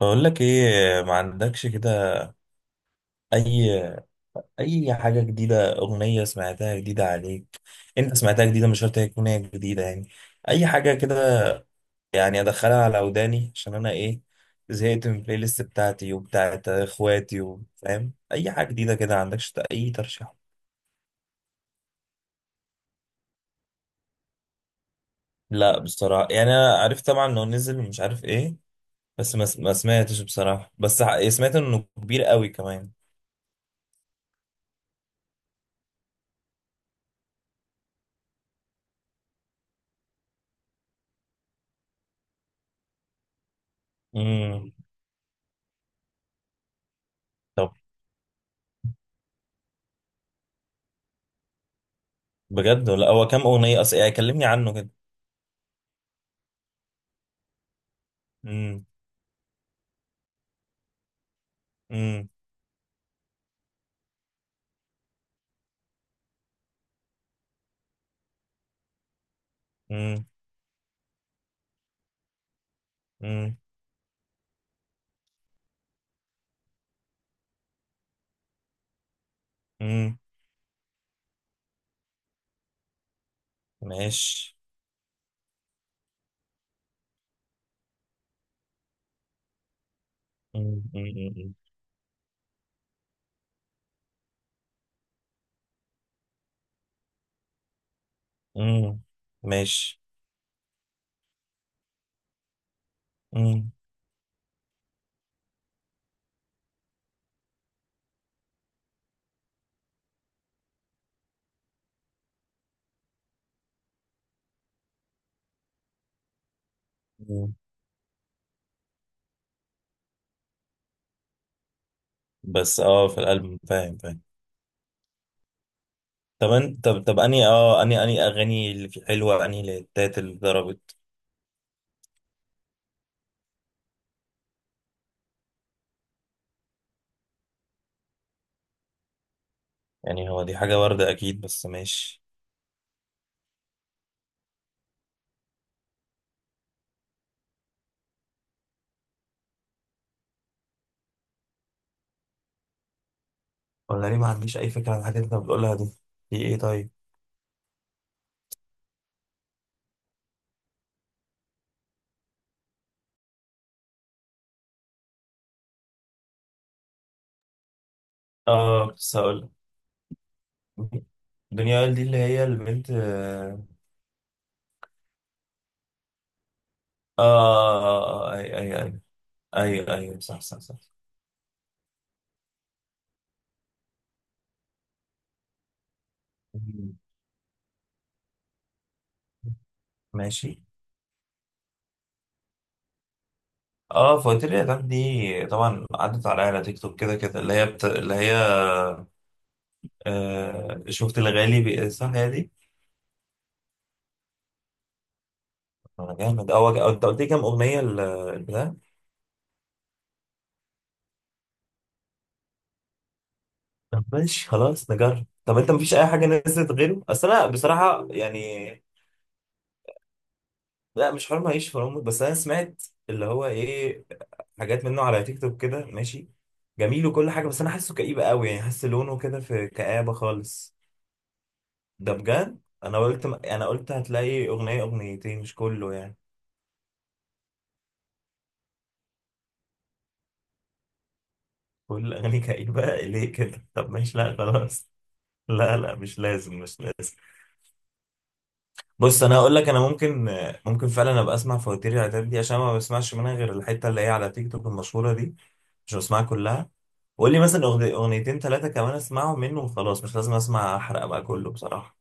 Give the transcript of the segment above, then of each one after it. بقول لك ايه، ما عندكش كده؟ اي اي حاجه جديده، اغنيه سمعتها جديده عليك. انت سمعتها جديده، مش شرط هي تكون هي جديده يعني. اي حاجه كده. يعني ادخلها على وداني عشان انا ايه. زهقت من البلاي ليست بتاعتي وبتاعت اخواتي، وفاهم اي حاجه جديده كده. عندكش اي ترشيح؟ لا بصراحه، يعني انا عرفت طبعا انه نزل، مش عارف ايه. بس ما سمعتش بصراحه، بس يعني سمعت انه كبير قوي كمان. امم. طب. بجد؟ ولا هو كام اغنيه اصلا؟ يعني كلمني عنه كده. مم. مم. مم. مم. مم. ماشي. مم. مم. مم. ماشي. مم. مم. بس اه، في الألبوم فاهم فاهم. طب طب اني اه اني اني اغاني اللي في حلوه، اني الهتات اللي ضربت. يعني هو دي حاجه وارده اكيد، بس ماشي. ولا ليه؟ ما عنديش اي فكره عن الحاجات اللي انت بتقولها دي. دي ايه طيب؟ اه، بس هقول. دنيا وائل دي اللي هي البنت، اه. اه، آه، آه، اي اي اي اي اي، صح صح صح. ماشي. اه، فواتير الاعلام دي طبعا عدت عليا على تيك توك كده كده، اللي هي اللي هي آه، شفت الغالي صح هي دي. انا جامد، اه انت قلت لي كام اغنيه البتاع؟ طب ماشي، خلاص نجرب. طب انت مفيش اي حاجه نزلت غيره؟ اصل انا بصراحه يعني. لا، مش حرام اعيش في الأمر. بس انا سمعت اللي هو ايه، حاجات منه على تيك توك كده. ماشي، جميل وكل حاجه. بس انا حاسه كئيب قوي يعني، حاسس لونه كده في كآبه خالص. ده بجد؟ انا قلت هتلاقي اغنيه اغنيتين مش كله يعني. كل اغاني كئيبه ليه كده؟ طب ماشي، لا خلاص. لا لا، مش لازم مش لازم. بص، انا هقول لك انا ممكن. ممكن فعلا ابقى اسمع فواتير العتاب دي عشان ما بسمعش منها غير الحته اللي هي على تيك توك المشهوره دي. مش بسمعها كلها. قول لي مثلا اغنيتين ثلاثه كمان، اسمعهم منه وخلاص، مش لازم اسمع احرق بقى كله بصراحه.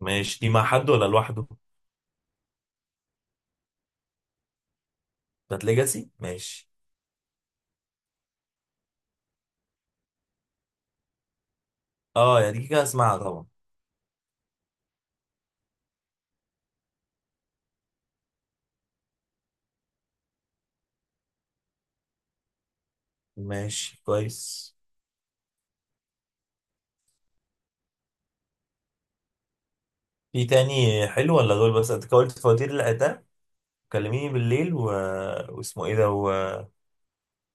ماشي. دي مع حد ولا لوحده؟ بتاعت ليجاسي، ماشي. اه، يا دي كده اسمعها طبعا. ماشي، كويس. في تاني حلو ولا دول بس؟ انت قلت فواتير العتاب، كلميني بالليل و... واسمه ايه ده؟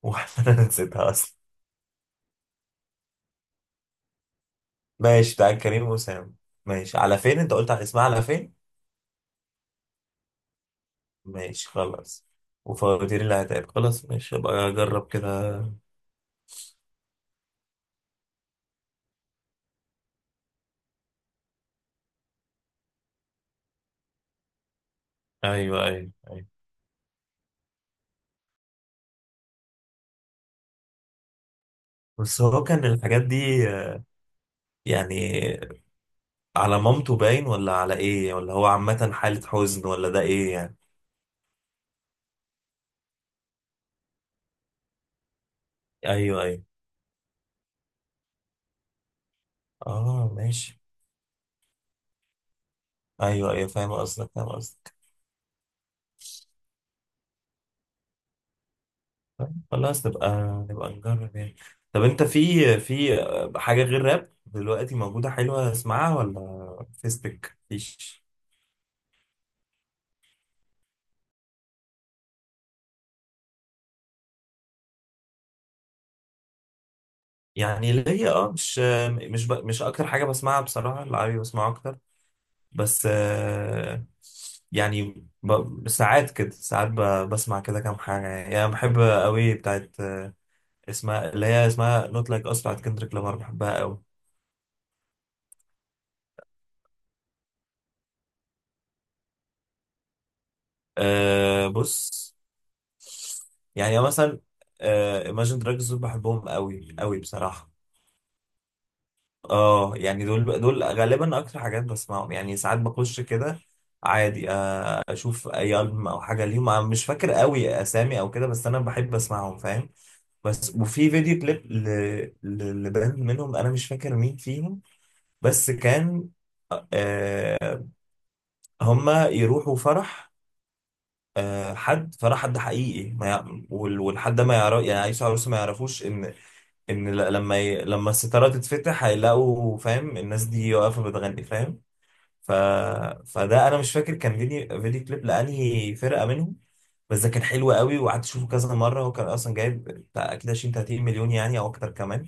وانا أنا نسيتها اصلا. ماشي، بتاع كريم وسام. ماشي، على فين؟ انت قلت على اسمها، على فين. ماشي، خلاص. وفواتير اللي هتعب، خلاص ماشي ابقى اجرب كده. ايوه ايوه ايوه. بس هو كان الحاجات دي يعني، على مامته باين ولا على ايه؟ ولا هو عامة حالة حزن ولا ده ايه يعني؟ ايوه ايوه. اه، ماشي ايوه ايوه فاهم قصدك فاهم قصدك. طيب خلاص نبقى نجرب يعني. طب انت في حاجة غير راب دلوقتي موجودة حلوة اسمعها ولا فيسبك مفيش؟ يعني اللي هي مش اكتر حاجة بسمعها بصراحة، العربي بسمعه اكتر. بس، يعني ساعات كده، ساعات بسمع كده كام حاجة، يعني بحب قوي بتاعت اسمها اللي هي اسمها نوت لايك اس بتاعت كندريك لامار، بحبها قوي. أه، بص. يعني مثلا Imagine Dragons دول بحبهم قوي قوي بصراحة. اه، يعني دول غالبا اكتر حاجات بسمعهم، يعني ساعات بخش كده عادي. اشوف اي ألبوم او حاجة ليهم، أنا مش فاكر قوي اسامي او كده، بس انا بحب اسمعهم فاهم. بس وفي فيديو كليب ل... لبند منهم، انا مش فاكر مين فيهم. بس كان آه هما يروحوا فرح، حد فرح، حد حقيقي ما يع... والحد ده ما يعرف، يعني عيسى عروسه ما يعرفوش ان، ان لما الستاره تتفتح هيلاقوا فاهم، الناس دي واقفه بتغني فاهم. ف... فده انا مش فاكر كان فيديو كليب لانهي فرقه منهم. بس ده كان حلو قوي، وقعدت اشوفه كذا مره، هو كان اصلا جايب بتاع اكيد 20 30 مليون يعني، او اكتر كمان.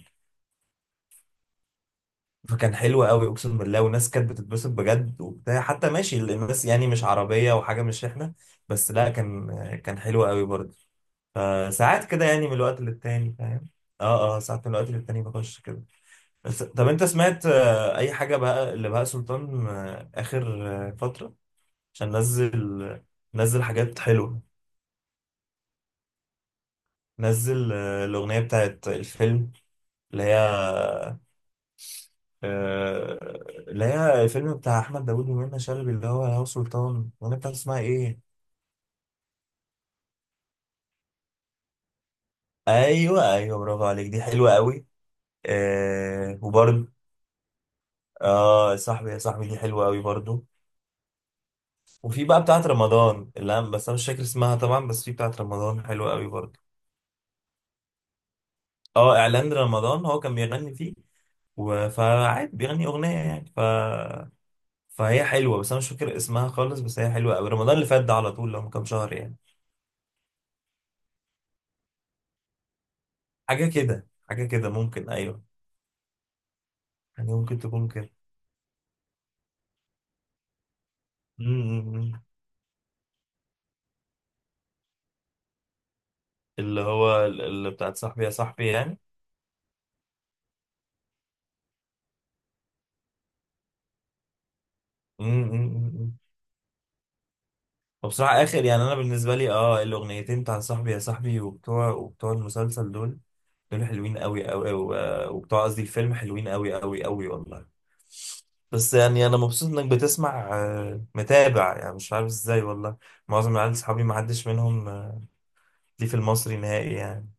فكان حلو قوي اقسم بالله، والناس كانت بتتبسط بجد وبتاع، حتى ماشي الناس يعني مش عربيه وحاجه، مش احنا. بس لا، كان حلو قوي برضه. فساعات كده يعني من الوقت للتاني فاهم. اه اه، ساعات من الوقت للتاني بخش كده. بس طب انت سمعت اي حاجه بقى اللي بهاء سلطان اخر فتره؟ عشان نزل. نزل حاجات حلوه. نزل الاغنيه بتاعت الفيلم اللي هي آه، اللي هي الفيلم بتاع احمد داوود ومنى شلبي اللي هو سلطان، الاغنيه بتاعت اسمها ايه؟ ايوه ايوه، برافو عليك، دي حلوه قوي. آه، وبرده. اه، صاحبي يا صاحبي دي حلوه قوي برضو. وفي بقى بتاعت رمضان اللي بس انا مش فاكر اسمها طبعا، بس في بتاعت رمضان حلوه قوي برضو. اه، اعلان رمضان هو كان بيغني فيه فعادي بيغني اغنيه يعني، فهي حلوه، بس انا مش فاكر اسمها خالص، بس هي حلوه قوي. رمضان اللي فات ده على طول، لو من كام شهر يعني. حاجه كده حاجه كده ممكن ايوه. يعني ممكن تكون كده. امم. اللي هو اللي بتاعت صاحبي يا صاحبي يعني. امم. وبصراحه اخر، يعني انا بالنسبه لي الاغنيتين بتاع صاحبي يا صاحبي وبتوع المسلسل دول، دول حلوين قوي قوي، وبتوع قصدي الفيلم حلوين قوي قوي قوي والله. بس يعني انا مبسوط انك بتسمع متابع يعني، مش عارف ازاي والله. معظم العيال صحابي ما حدش منهم ليه في المصري نهائي يعني.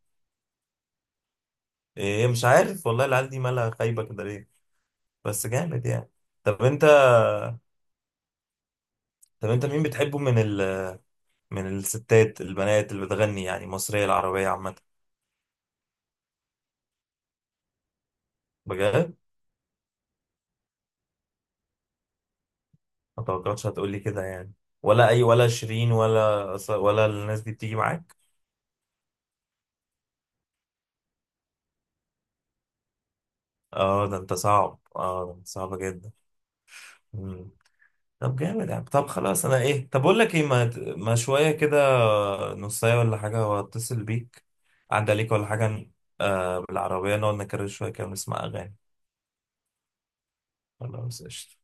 ايه، مش عارف والله العيال دي مالها خايبه كده ليه. بس جامد يعني. طب انت طب انت مين بتحبه من من الستات البنات اللي بتغني يعني، مصريه العربيه عامه؟ بجد؟ ما توقعتش هتقولي كده يعني. ولا اي، ولا شيرين، ولا الناس دي بتيجي معاك؟ اه، ده انت صعب، اه، ده انت صعبه جدا. طب جامد يعني. طب خلاص، انا ايه؟ طب اقول لك ايه، ما شويه كده نصايه ولا حاجه، واتصل بيك، عدى عليك ولا حاجه. آه، بالعربيه نقعد نكرر شويه كده ونسمع اغاني. خلاص، قشطه.